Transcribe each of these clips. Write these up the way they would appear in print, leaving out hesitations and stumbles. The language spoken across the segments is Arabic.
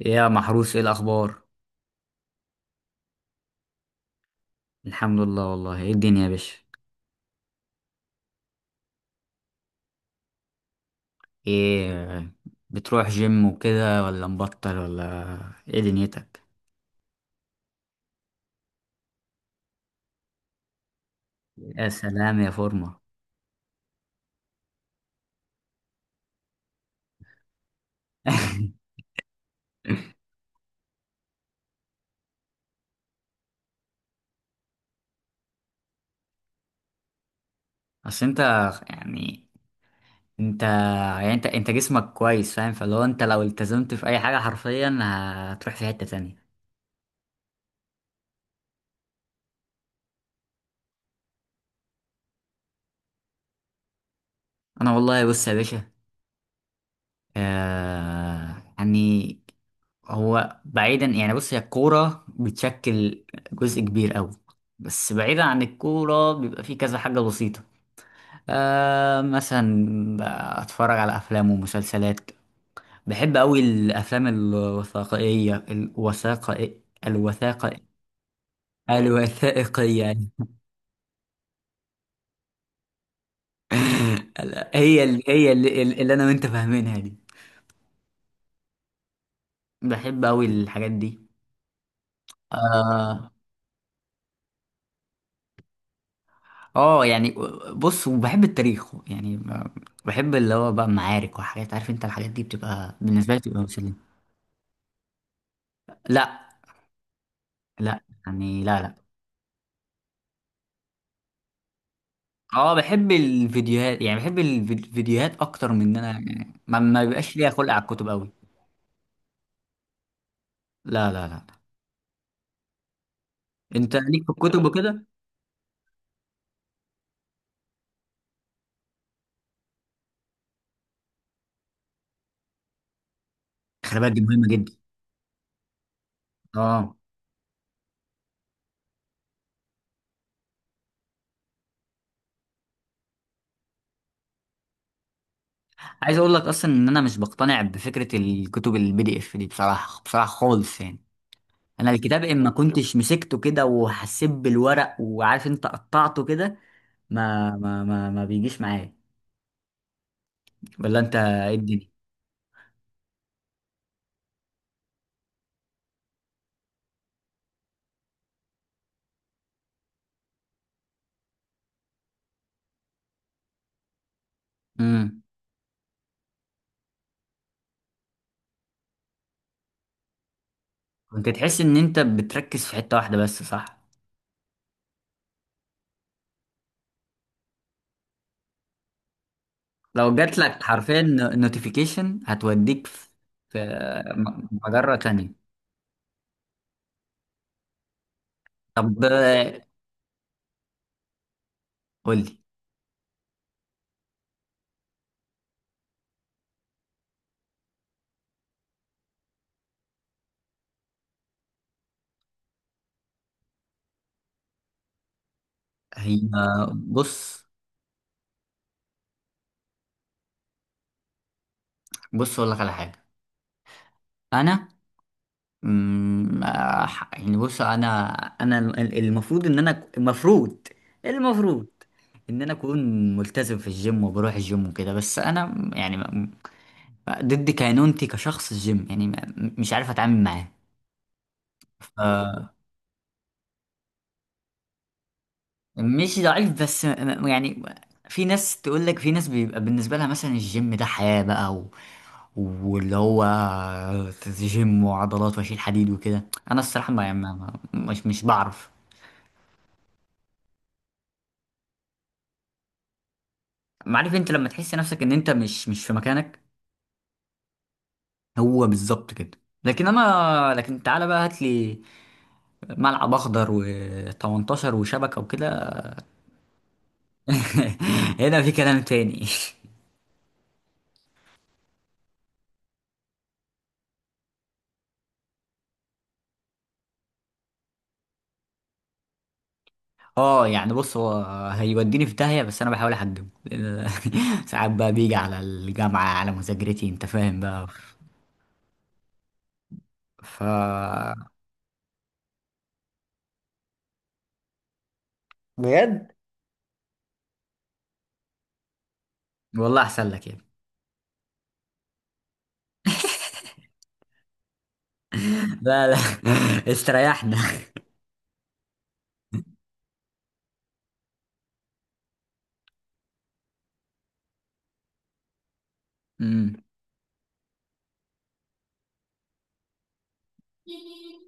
يا محروس، ايه الاخبار؟ الحمد لله. والله ايه الدنيا يا باشا؟ ايه؟ بتروح جيم وكده ولا مبطل ولا؟ ايه دنيتك؟ يا سلام يا فورمة! اصل انت يعني انت يعني انت انت جسمك كويس، فاهم؟ فلو انت لو التزمت في اي حاجة حرفيا هتروح في حتة تانية. انا والله، بص يا باشا. آه يعني هو، بعيدا، يعني بص، هي الكورة بتشكل جزء كبير أوي. بس بعيدا عن الكورة بيبقى فيه كذا حاجة بسيطة. مثلا، أتفرج على أفلام ومسلسلات. بحب أوي الأفلام الوثائقية. الوثائق الوثائقية يعني. هي اللي أنا وأنت فاهمينها دي. بحب أوي الحاجات دي. آه. اه يعني بص، وبحب التاريخ يعني بحب اللي هو بقى معارك وحاجات، عارف انت الحاجات دي بتبقى بالنسبه لي مسليه. لا. لا، يعني، لا، لا. اه، بحب الفيديوهات، يعني بحب الفيديوهات اكتر من ان انا، يعني ما بيبقاش ليا خلق على الكتب قوي. لا، لا، لا. انت ليك في الكتب وكده. خلي بالك، دي مهمه جدا. اه. عايز اقول لك اصلا ان انا مش بقتنع بفكره الكتب البي دي اف دي، بصراحه بصراحه خالص يعني. انا الكتاب، اما كنتش مسكته كده وحسيت بالورق، وعارف انت قطعته كده. ما بيجيش معايا. ولا انت، ايه الدنيا؟ امم كنت تحس ان انت بتركز في حتة واحدة بس، صح؟ لو جات لك حرفيا نوتيفيكيشن هتوديك في في مجرة تانية. طب، قول لي. هي، بص بص، اقول لك على حاجة. انا، مم، آه، يعني بص انا، انا ال- المفروض ان انا المفروض المفروض ان انا اكون ملتزم في الجيم وبروح الجيم وكده، بس انا يعني ضد كينونتي كشخص. الجيم يعني مش عارف اتعامل معاه. ف- مش ضعيف، بس يعني في ناس تقول لك، في ناس بيبقى بالنسبه لها مثلا الجيم ده حياه بقى، و... واللي هو جيم وعضلات واشيل حديد وكده. انا الصراحه، مش بعرف. عارف انت، لما تحس نفسك ان انت مش في مكانك. هو بالظبط كده. لكن تعالى بقى هات لي ملعب اخضر و18 وشبكه وكده. هنا في كلام تاني. اه، يعني بص هو هيوديني في داهية، بس انا بحاول احجمه لأن ساعات بقى بيجي على الجامعة، على مذاكرتي، انت فاهم بقى. ف بجد؟ والله احسن لك يعني. لا، لا. استريحنا. أمم.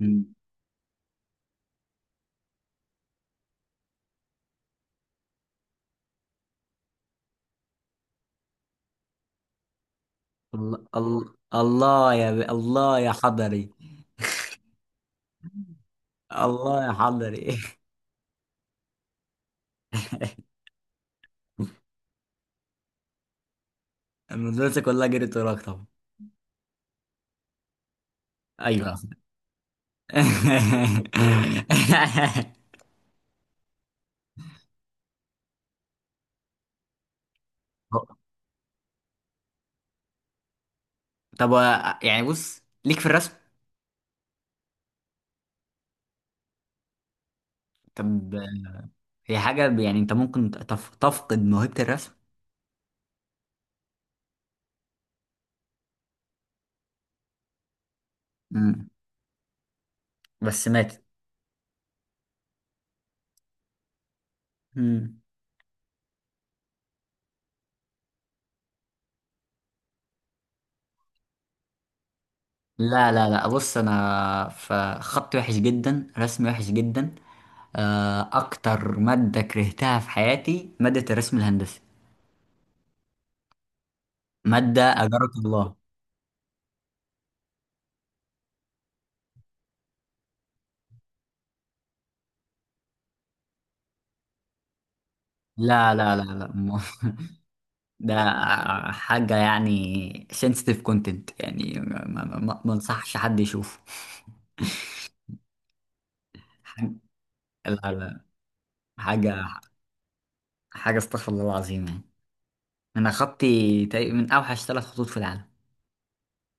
أمم. الله، الله، الله يا الله يا حضري! الله يا حضري! المدرسة كلها جريت وراك طبعا. ايوه. طب، يعني بص، ليك في الرسم؟ طب، هي حاجة يعني انت ممكن تفقد موهبة الرسم. مم. بس ماتت. مم. لا، لا، لا، بص انا في خط وحش جدا، رسم وحش جدا. اكتر مادة كرهتها في حياتي مادة الرسم الهندسي. مادة اجرك الله. لا، لا، لا، لا، ده حاجة يعني sensitive content يعني، ما انصحش حد يشوفه. حاجة- لا، لا، حاجة، حاجة استغفر الله العظيم يعني. انا خطي تقريبا من اوحش 3 خطوط في العالم.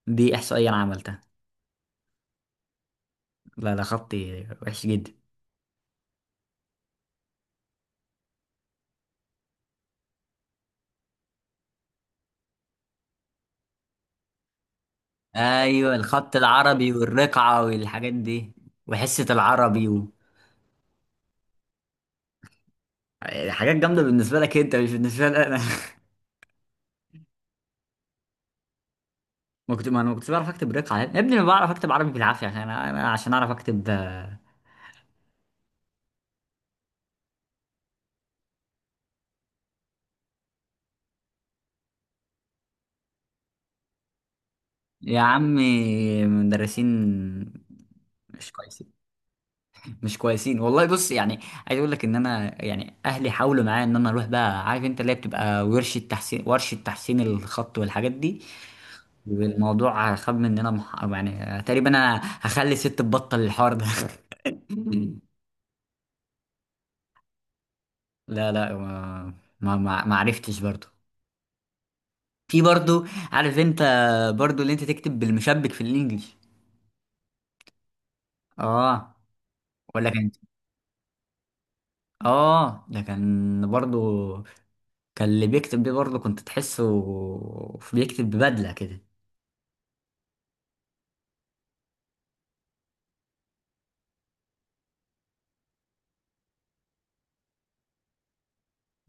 دي احصائيه انا عملتها. لا، ده خطي وحش جدا. ايوه، الخط العربي والرقعه والحاجات دي. وحصه العربي و... حاجات جامده بالنسبه لك انت، مش بالنسبه لي انا. ما كنت ما انا ما كنتش بعرف اكتب رقعه يا ابني، انا بعرف اكتب عربي بالعافيه، عشان انا عشان اعرف اكتب يا عمي، مدرسين مش كويسين. مش كويسين والله، بص يعني عايز اقول لك ان انا يعني اهلي حاولوا معايا ان انا اروح بقى عارف انت اللي هي بتبقى ورشه تحسين الخط والحاجات دي. والموضوع خاب مننا يعني تقريبا انا هخلي ست تبطل الحوار ده. لا، لا، ما عرفتش برضو. في برضو، عارف انت، برضو اللي انت تكتب بالمشبك في الانجليش. اه. ولا كان؟ اه، ده كان برضو، كان اللي بيكتب بيه برضو كنت تحسه بيكتب ببدله كده.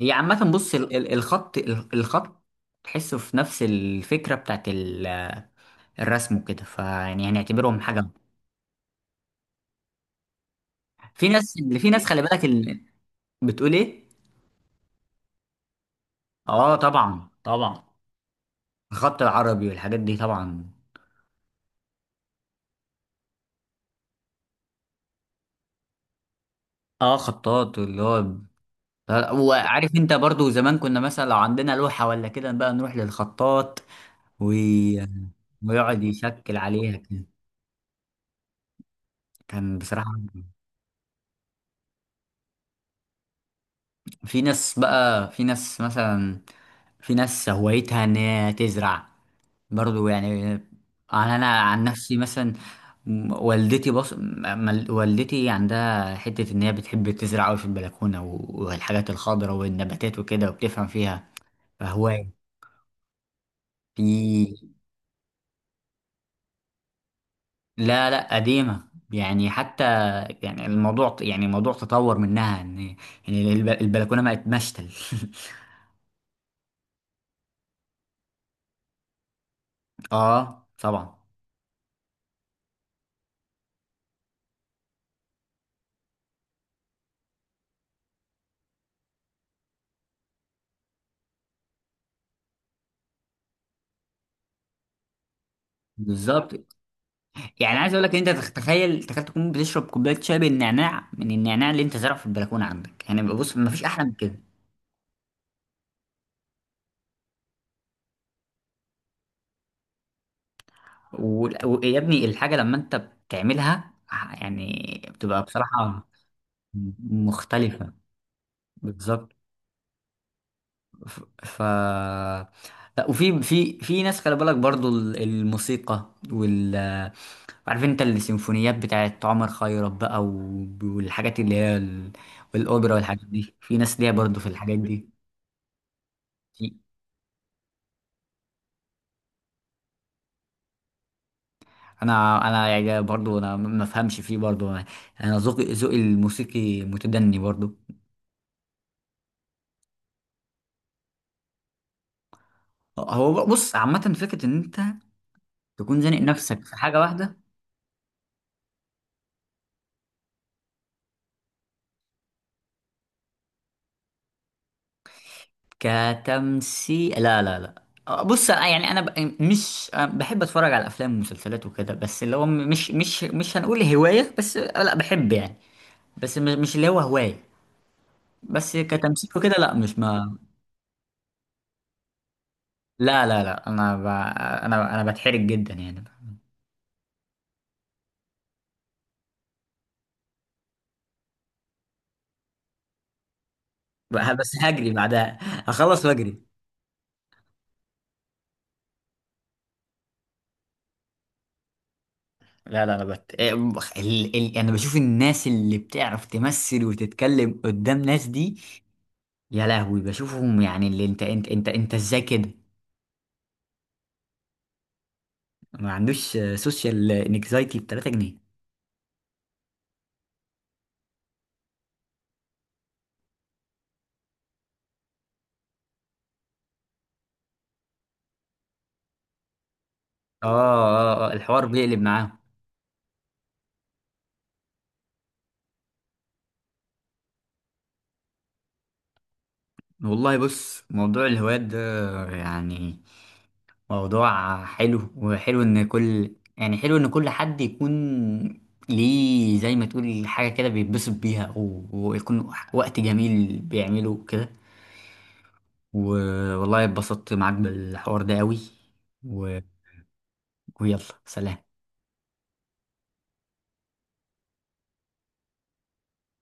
هي عامة بص، الخط تحسه في نفس الفكرة بتاعت الرسم وكده، فيعني هنعتبرهم حاجة. في ناس خلي بالك اللي بتقول ايه؟ اه، طبعا، طبعا. الخط العربي والحاجات دي طبعا. اه، خطاط اللي هو وعارف انت، برضو زمان كنا مثلا لو عندنا لوحة ولا كده بقى نروح للخطاط و... ويقعد يشكل عليها كده. كان بصراحة في ناس بقى، في ناس مثلا، في ناس هوايتها ان هي تزرع، برضو يعني. انا عن نفسي مثلا والدتي، بص، والدتي عندها حتة ان هي بتحب تزرع قوي في البلكونة والحاجات الخضراء والنباتات وكده وبتفهم فيها. فهواية، في، لا، لا، قديمة. يعني حتى يعني الموضوع تطور منها ان يعني البلكونة بقت مشتل. اه طبعا. بالظبط، يعني عايز اقول لك ان انت تخيل تكون بتشرب كوبايه شاي بالنعناع من النعناع اللي انت زرعه في البلكونه عندك، يعني بص، ما فيش احلى من كده. ويا ابني، الحاجه لما انت بتعملها يعني بتبقى بصراحه مختلفه. بالظبط. ف ف- لا، وفي في ناس، خلي بالك برضو الموسيقى وال، عارف انت، السيمفونيات بتاعت عمر خيرت بقى والحاجات اللي هي والاوبرا والحاجات دي، في ناس ليها برضو في الحاجات دي. انا يعني برضو، انا ما افهمش فيه برضو، انا ذوقي الموسيقي متدني برضو. هو بص، عامه فكره ان انت تكون زانق نفسك في حاجه واحده. كتمثيل؟ لا، لا، لا، بص أنا يعني انا مش بحب اتفرج على افلام ومسلسلات وكده، بس اللي هو مش هنقول هوايه، بس لا بحب يعني، بس مش اللي هو هوايه. بس كتمثيل وكده لا، مش ما لا، لا، لا، انا انا بتحرج جدا يعني. بس هجري بعدها، هخلص واجري. لا، لا، انا بت... إيه، بخ- ال... ال... انا بشوف الناس اللي بتعرف تمثل وتتكلم قدام ناس دي، يا لهوي بشوفهم، يعني اللي انت، ازاي كده؟ ما عندوش سوشيال انكزايتي ب 3 جنيه. اه، اه، آه، الحوار بيقلب معاهم. والله، بص موضوع الهوايات ده، يعني موضوع حلو، وحلو ان كل حد يكون ليه، زي ما تقول حاجة كده بيتبسط بيها ويكون وقت جميل بيعمله كده. والله اتبسطت معاك بالحوار ده قوي. و... ويلا، سلام.